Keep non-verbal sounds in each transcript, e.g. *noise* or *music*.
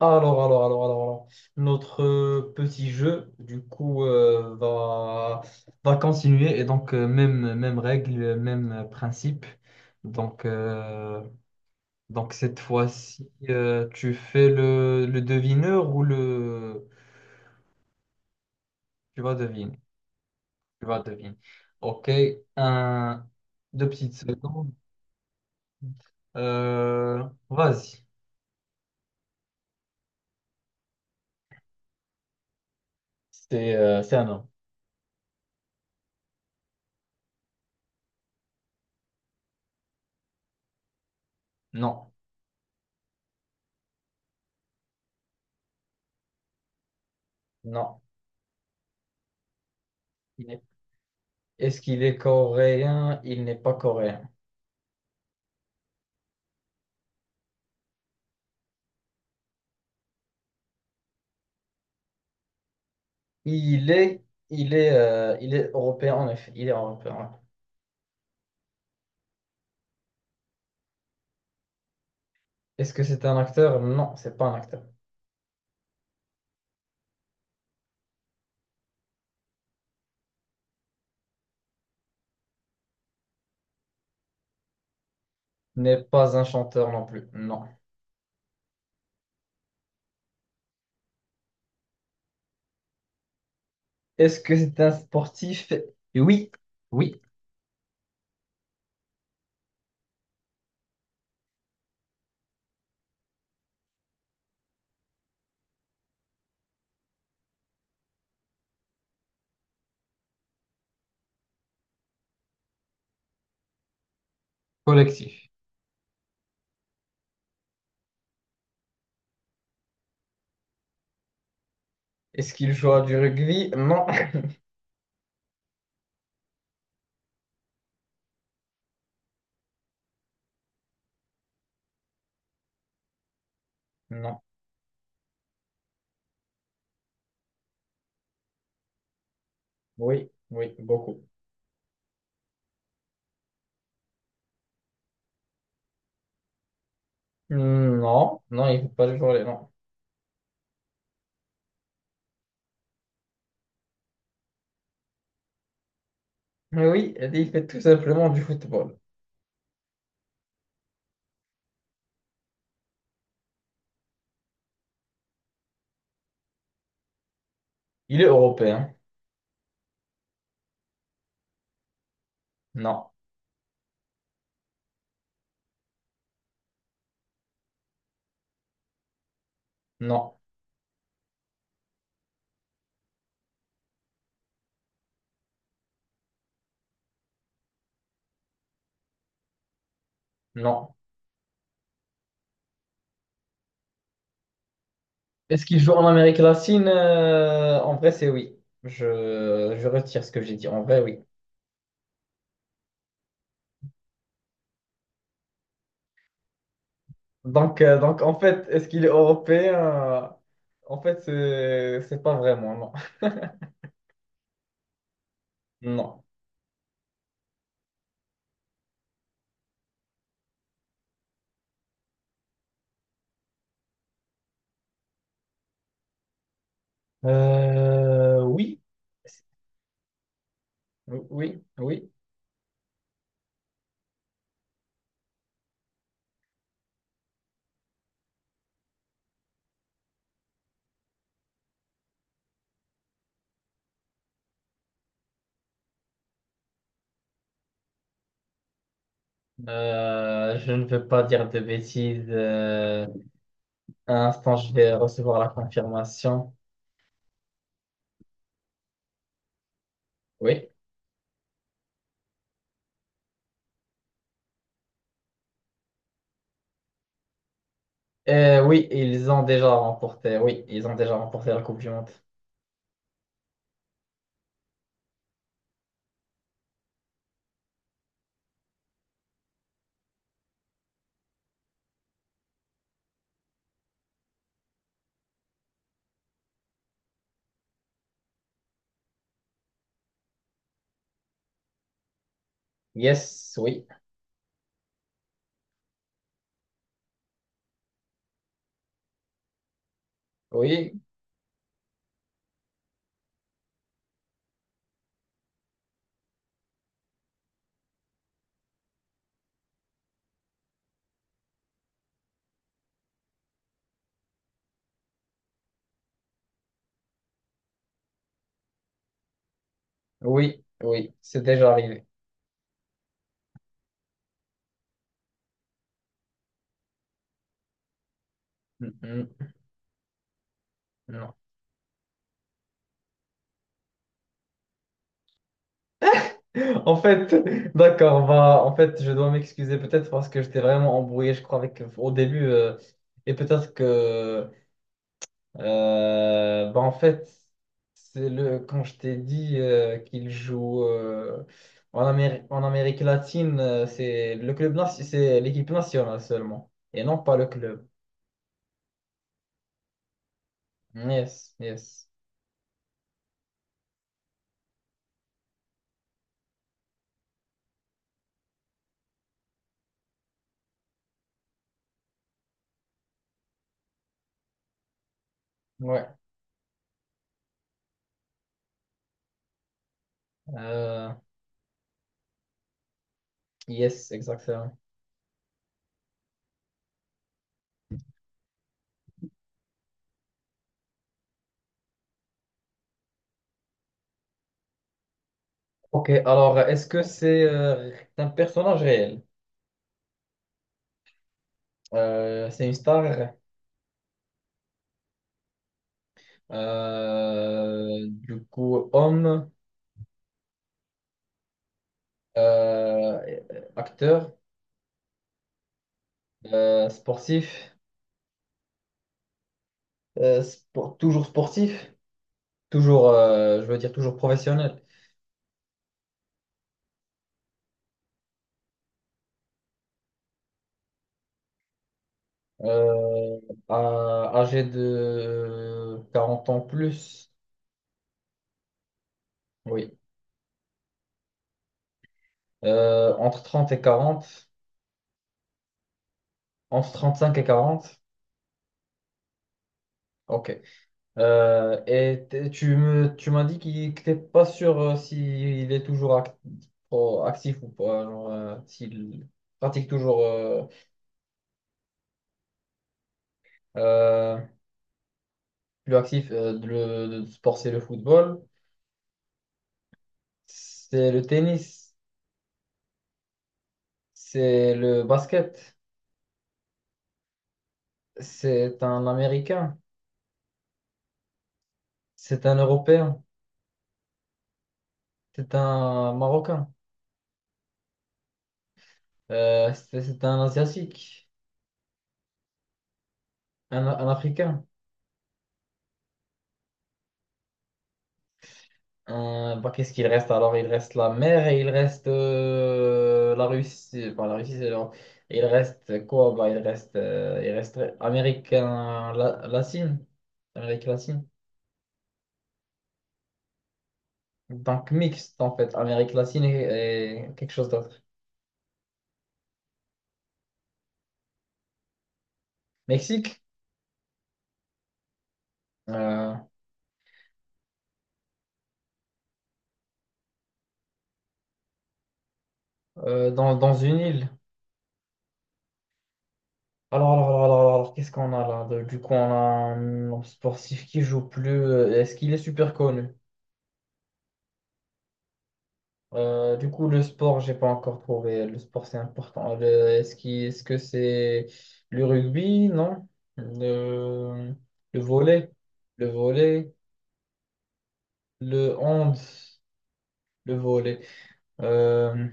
Alors, notre petit jeu, du coup, va continuer. Et donc même règle, même principe. Donc, euh, donc cette fois-ci, tu fais le devineur ou le... Tu vas deviner. Tu vas deviner. Ok, un, deux petites secondes. Euh, vas-y. C'est un homme. Non, non. Il est- Est-ce qu'il est coréen? Il n'est pas coréen. Il est, il est européen, en effet. Il est européen. Ouais. Est-ce que c'est un acteur? Non, c'est pas un acteur. N'est pas un chanteur non plus. Non. Est-ce que c'est un sportif? Oui. Oui. Collectif. Est-ce qu'il joue à du rugby? Non. *laughs* Non. Oui. Oui. Beaucoup. Non. Non, il ne fait pas du volley. Non. Mais oui, il fait tout simplement du football. Il est européen. Non. Non. Non. Est-ce qu'il joue en Amérique latine? En vrai, c'est oui. Je retire ce que j'ai dit. En vrai, oui. Donc en fait, est-ce qu'il est européen? En fait, c'est pas vraiment, non. *laughs* Non. Oui. Oui, oui. Je ne veux pas dire de bêtises. Un instant, je vais recevoir la confirmation. Oui. Oui, ils ont déjà remporté. Oui, ils ont déjà remporté la Coupe du Monde. Yes, oui. Oui. Oui, oui, c'est déjà arrivé. Mm, mm, non. En fait, *laughs* d'accord, bah, en fait, je dois m'excuser peut-être parce que j'étais vraiment embrouillé, je crois, avec, au début. Et peut-être que, bah, en fait, c'est le, quand je t'ai dit qu'il joue en Amérique latine, c'est le club, c'est l'équipe nationale seulement, et non pas le club. Yes, yes. Ouais. Euh, yes, exactement. Ok, alors est-ce que c'est un personnage réel? C'est une star, du coup, homme, euh, acteur, sportif, toujours sportif, toujours, je veux dire, toujours professionnel, euh, âgé de 40 ans plus, oui. Entre 30 et 40, entre 35 et 40, ok. Et tu me, tu m'as dit qu'il, que t'es pas sûr s'il est toujours oh, actif ou pas, genre, s'il pratique toujours euh, plus actif. Le sport c'est le football, c'est le tennis, c'est le basket, c'est un Américain, c'est un Européen, c'est un Marocain, c'est un Asiatique, un Africain. Bah, qu'est-ce qu'il reste alors? Il reste la mer et il reste la Russie. Bah, la Russie, c'est Il reste quoi? Bah, il reste Amérique latine. Amérique latine. Donc mixte en fait. Amérique latine et quelque chose d'autre. Mexique? Euh, Dans, dans une île. Alors, qu'est-ce qu'on a là? Du coup, on a un sportif qui joue plus. Euh, est-ce qu'il est super connu? Du coup, le sport, j'ai pas encore trouvé. Le sport, c'est important. Est-ce que c'est le rugby? Non. Le, le volley? Le volley? Le hand? Le volley. Euh,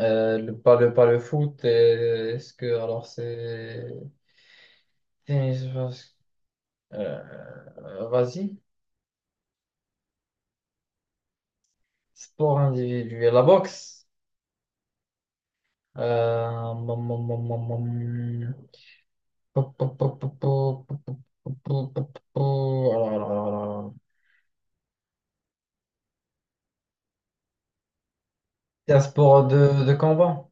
le, pas, le, pas le foot. Euh, est-ce que, alors, c'est... tennis, vas-y. Sport individuel. La boxe? Mm, mm, mm, mm, mm. Pop, pop, pop, pop, pop, pop, pop, pop, pop, pop. Alors, alors. C'est un sport de combat,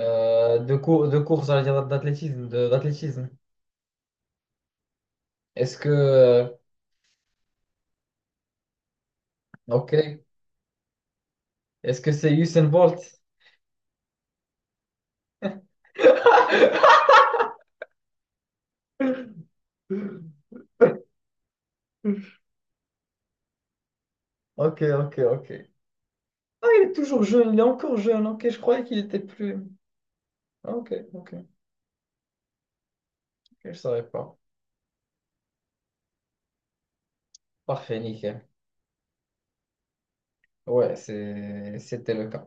de, cour de course, j'allais dire d'athlétisme, d'athlétisme. Est-ce que, ok, est-ce que c'est Usain Bolt? *laughs* Ok, ok, ok. Ah, il est toujours jeune, il est encore jeune. Ok, je croyais qu'il était plus. Ah, ok, ok, ok, je savais pas. Parfait, nickel. Ouais, c'est, c'était le cas.